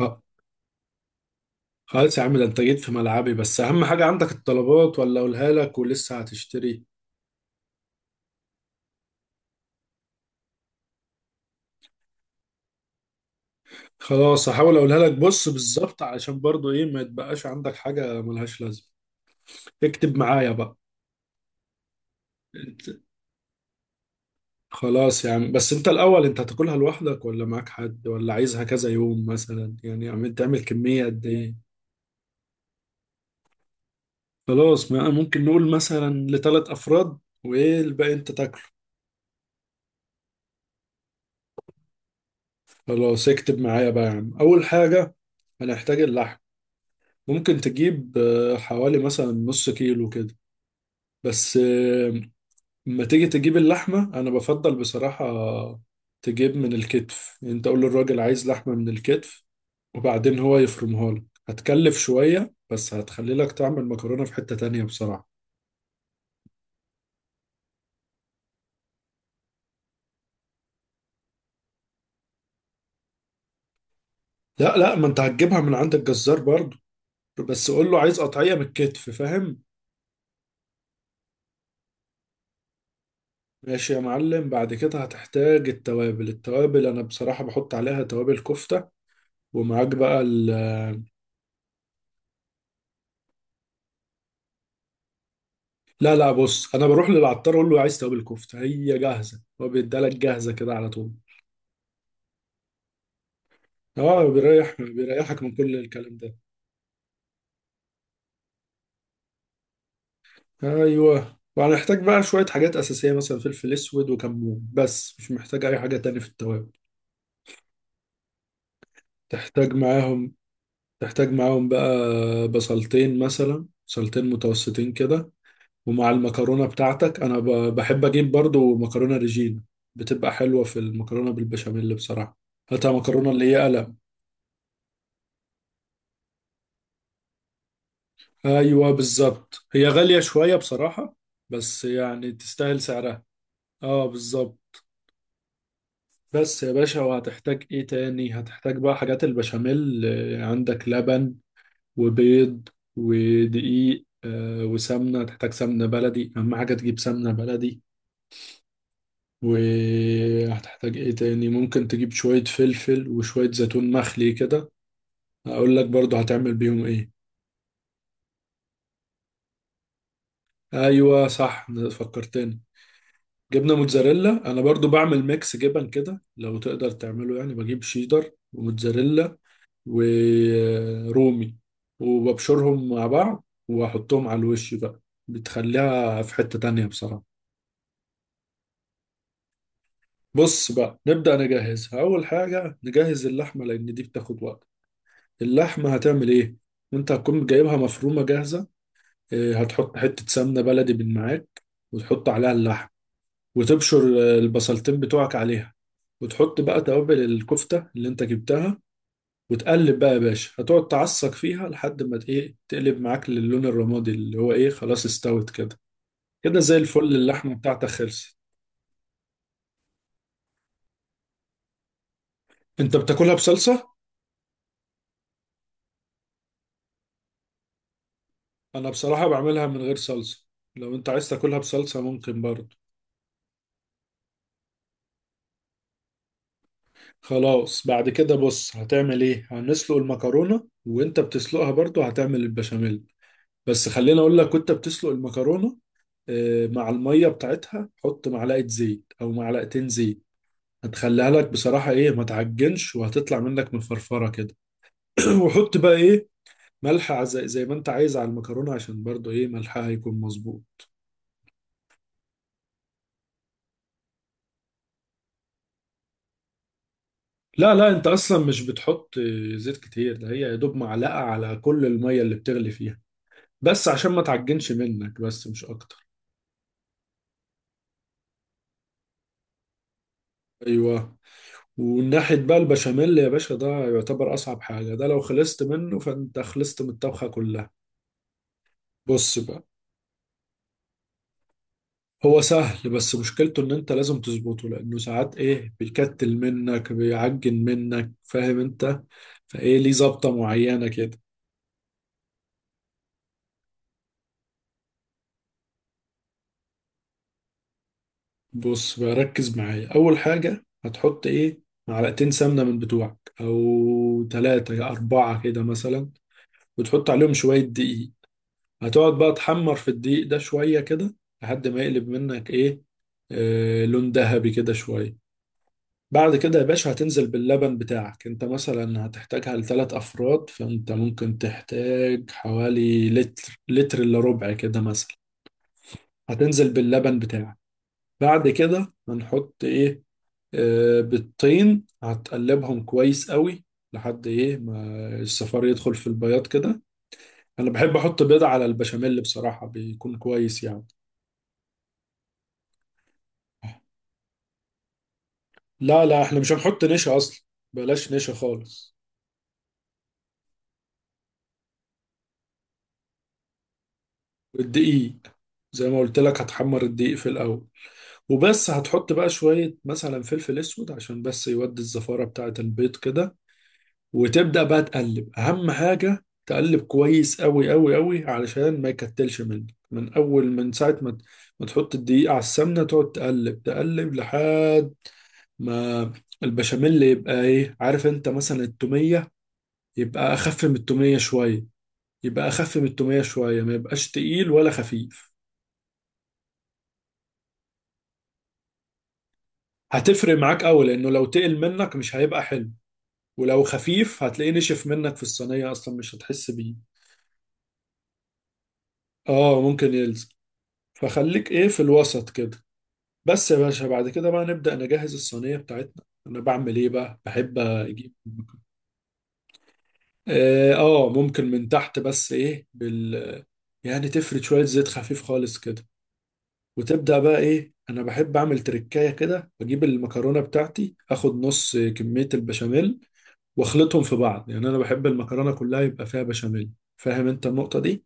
آه، خلاص يا عم، ده انت جيت في ملعبي. بس اهم حاجة، عندك الطلبات ولا اقولها لك ولسه هتشتري؟ خلاص، هحاول اقولها لك. بص بالظبط علشان برضو ايه ما يتبقاش عندك حاجة ملهاش لازمة. اكتب معايا بقى. انت- خلاص يا عم، بس انت الاول، انت هتاكلها لوحدك ولا معاك حد؟ ولا عايزها كذا يوم مثلا؟ يعني عم تعمل كمية قد ايه؟ خلاص، ما ممكن نقول مثلا لثلاث افراد، وايه الباقي انت تاكله. خلاص اكتب معايا بقى يا عم. اول حاجة هنحتاج اللحم. ممكن تجيب حوالي مثلا نص كيلو كده. بس لما تيجي تجيب اللحمة أنا بفضل بصراحة تجيب من الكتف. يعني أنت قول للراجل عايز لحمة من الكتف، وبعدين هو يفرمها لك. هتكلف شوية بس هتخلي لك تعمل مكرونة في حتة تانية بصراحة. لا لا، ما أنت هتجيبها من عند الجزار برضو، بس قول له عايز قطعية من الكتف، فاهم. ماشي يا معلم. بعد كده هتحتاج التوابل. التوابل أنا بصراحة بحط عليها توابل كفتة. ومعاك بقى. لا لا، بص انا بروح للعطار اقول له عايز توابل كفته، هي جاهزه، هو بيدالك جاهزه كده على طول. اه، بيريحك من كل الكلام ده. ايوه، وهنحتاج بقى شويه حاجات اساسيه، مثلا فلفل اسود وكمون، بس مش محتاج اي حاجه تاني في التوابل. تحتاج معاهم تحتاج معاهم بقى بصلتين، مثلا بصلتين متوسطين كده. ومع المكرونه بتاعتك انا بحب اجيب برضو مكرونه ريجينا، بتبقى حلوه في المكرونه بالبشاميل بصراحه. هاتها مكرونه اللي هي قلم. ايوه بالظبط، هي غالية شوية بصراحة، بس يعني تستاهل سعرها. اه بالظبط. بس يا باشا، وهتحتاج ايه تاني؟ هتحتاج بقى حاجات البشاميل. عندك لبن وبيض ودقيق وسمنة. هتحتاج سمنة بلدي، اهم حاجة تجيب سمنة بلدي. وهتحتاج ايه تاني؟ ممكن تجيب شوية فلفل وشوية زيتون مخلي كده. اقول لك برضو هتعمل بيهم ايه. ايوه صح، فكرتني. جبنه موتزاريلا، انا برضو بعمل ميكس جبن كده لو تقدر تعمله. يعني بجيب شيدر وموتزاريلا ورومي، وببشرهم مع بعض واحطهم على الوش بقى، بتخليها في حتة تانية بصراحة. بص بقى نبدأ نجهزها. اول حاجة نجهز اللحمة لان دي بتاخد وقت. اللحمة هتعمل ايه؟ انت هتكون جايبها مفرومة جاهزة. هتحط حتة سمنة بلدي من معاك، وتحط عليها اللحم، وتبشر البصلتين بتوعك عليها، وتحط بقى توابل الكفتة اللي انت جبتها. وتقلب بقى يا باشا، هتقعد تعصق فيها لحد ما ت- ايه تقلب معاك للون الرمادي اللي هو ايه خلاص استوت كده. كده زي الفل، اللحمة بتاعتك خلصت. انت بتاكلها بصلصة؟ انا بصراحة بعملها من غير صلصة. لو انت عايز تاكلها بصلصة ممكن برضه. خلاص بعد كده بص هتعمل ايه، هنسلق المكرونة، وانت بتسلقها برضه هتعمل البشاميل. بس خليني اقول لك، وانت بتسلق المكرونة مع المية بتاعتها حط معلقة زيت أو معلقتين زيت. هتخليها لك بصراحة إيه ما تعجنش، وهتطلع منك مفرفرة كده. وحط بقى إيه، ملح، زي ما أنت عايز على المكرونة عشان برضو إيه ملحها هيكون مظبوط. لا لا، أنت أصلا مش بتحط زيت كتير. ده هي يا دوب معلقة على كل المية اللي بتغلي فيها، بس عشان ما تعجنش منك، بس مش أكتر. أيوه. وناحية بقى البشاميل يا باشا، ده يعتبر أصعب حاجة. ده لو خلصت منه فأنت خلصت من الطبخة كلها. بص بقى، هو سهل بس مشكلته ان انت لازم تظبطه، لانه ساعات ايه بيكتل منك، بيعجن منك، فاهم انت. فايه، ليه ظبطة معينة كده. بص بقى، ركز معايا. اول حاجة هتحط ايه، معلقتين سمنة من بتوعك او ثلاثة يا اربعة كده مثلا، وتحط عليهم شوية دقيق. هتقعد بقى تحمر في الدقيق ده شوية كده لحد ما يقلب منك ايه، آه لون ذهبي كده شوية. بعد كده يا باشا هتنزل باللبن بتاعك. انت مثلا هتحتاجها لثلاث افراد، فانت ممكن تحتاج حوالي لتر، لتر الا ربع كده مثلا. هتنزل باللبن بتاعك. بعد كده هنحط ايه، آه بالطين. هتقلبهم كويس قوي لحد ايه ما الصفار يدخل في البياض كده. انا بحب احط بيضة على البشاميل بصراحة، بيكون كويس يعني. لا لا، احنا مش هنحط نشا اصلا، بلاش نشا خالص. والدقيق زي ما قلت لك، هتحمر الدقيق في الاول وبس. هتحط بقى شوية مثلا فلفل اسود عشان بس يودي الزفارة بتاعة البيض كده. وتبدأ بقى تقلب، اهم حاجة تقلب كويس قوي قوي قوي علشان ما يكتلش منك. من اول من ساعة ما تحط الدقيق على السمنة، تقعد تقلب تقلب لحد ما البشاميل يبقى ايه، عارف انت مثلا التومية، يبقى اخف من التومية شوية. ما يبقاش تقيل ولا خفيف. هتفرق معاك قوي لانه لو تقل منك مش هيبقى حلو، ولو خفيف هتلاقيه نشف منك في الصينية أصلا مش هتحس بيه. اه ممكن يلزق. فخليك ايه في الوسط كده. بس يا باشا، بعد كده بقى نبدأ نجهز الصينية بتاعتنا. أنا بعمل ايه بقى، بحب أجيب اه ممكن من تحت بس ايه بال، يعني تفرد شوية زيت خفيف خالص كده. وتبدأ بقى ايه، أنا بحب أعمل تركاية كده. بجيب المكرونة بتاعتي، أخد نص كمية البشاميل وأخلطهم في بعض. يعني أنا بحب المكرونة كلها يبقى فيها بشاميل، فاهم أنت النقطة دي؟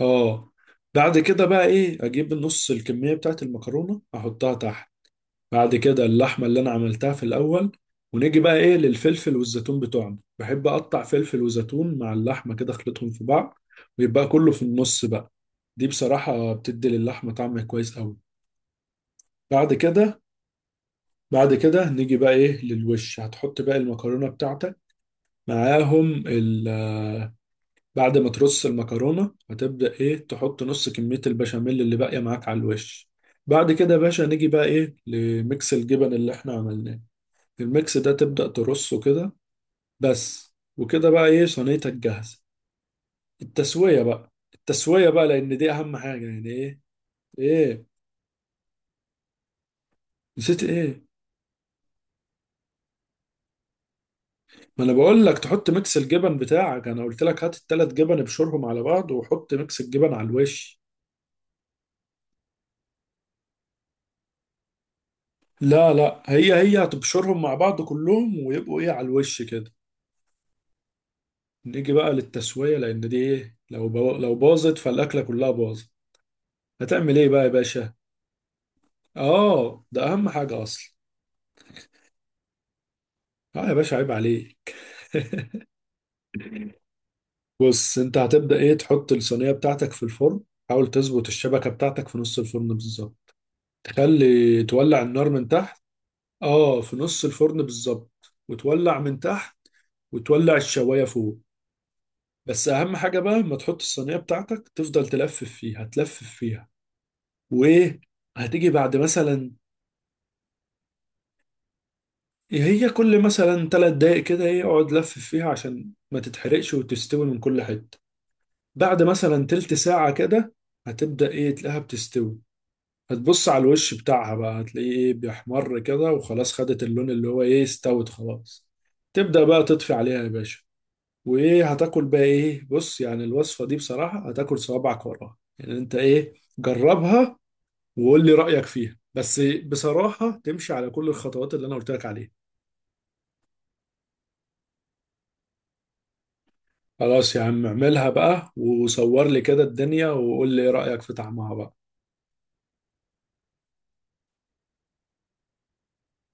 اه. بعد كده بقى ايه، اجيب نص الكمية بتاعت المكرونة احطها تحت، بعد كده اللحمة اللي انا عملتها في الاول. ونيجي بقى ايه للفلفل والزيتون بتوعنا، بحب اقطع فلفل وزيتون مع اللحمة كده اخلطهم في بعض، ويبقى كله في النص بقى. دي بصراحة بتدي للحمة طعم كويس قوي. بعد كده بعد كده نيجي بقى ايه للوش، هتحط بقى المكرونة بتاعتك معاهم. بعد ما ترص المكرونة هتبدأ إيه تحط نص كمية البشاميل اللي باقية معاك على الوش. بعد كده يا باشا نيجي بقى إيه لميكس الجبن اللي إحنا عملناه، الميكس ده تبدأ ترصه كده. بس وكده بقى إيه، صينيتك جاهزة. التسوية بقى، التسوية بقى لأن دي أهم حاجة يعني إيه. إيه، نسيت إيه. ما أنا بقول لك تحط ميكس الجبن بتاعك، أنا قلت لك هات التلات جبن ابشرهم على بعض وحط ميكس الجبن على الوش. لا لا، هي هي هتبشرهم مع بعض كلهم ويبقوا إيه على الوش كده. نيجي بقى للتسوية لأن دي إيه، لو باظت فالأكلة كلها باظت. هتعمل إيه بقى يا باشا؟ آه، ده أهم حاجة أصلا. آه يا باشا، عيب عليك. بص، أنت هتبدأ إيه تحط الصينية بتاعتك في الفرن. حاول تظبط الشبكة بتاعتك في نص الفرن بالظبط، تخلي تولع النار من تحت. آه في نص الفرن بالظبط، وتولع من تحت وتولع الشواية فوق. بس أهم حاجة بقى، لما تحط الصينية بتاعتك تفضل تلفف فيها تلفف فيها وإيه، هتيجي بعد مثلا، هي كل مثلا 3 دقايق كده ايه اقعد لف فيها عشان ما تتحرقش وتستوي من كل حتة. بعد مثلا تلت ساعة كده هتبدأ ايه تلاقيها بتستوي. هتبص على الوش بتاعها بقى هتلاقيه ايه بيحمر كده وخلاص خدت اللون اللي هو ايه، استوت خلاص. تبدأ بقى تطفي عليها يا باشا. وايه، هتاكل بقى ايه. بص، يعني الوصفة دي بصراحة هتاكل صوابعك وراها. يعني انت ايه، جربها وقول لي رأيك فيها. بس بصراحة تمشي على كل الخطوات اللي انا قلت لك عليها. خلاص يا عم اعملها بقى، وصور لي كده الدنيا وقول لي ايه رأيك في طعمها بقى.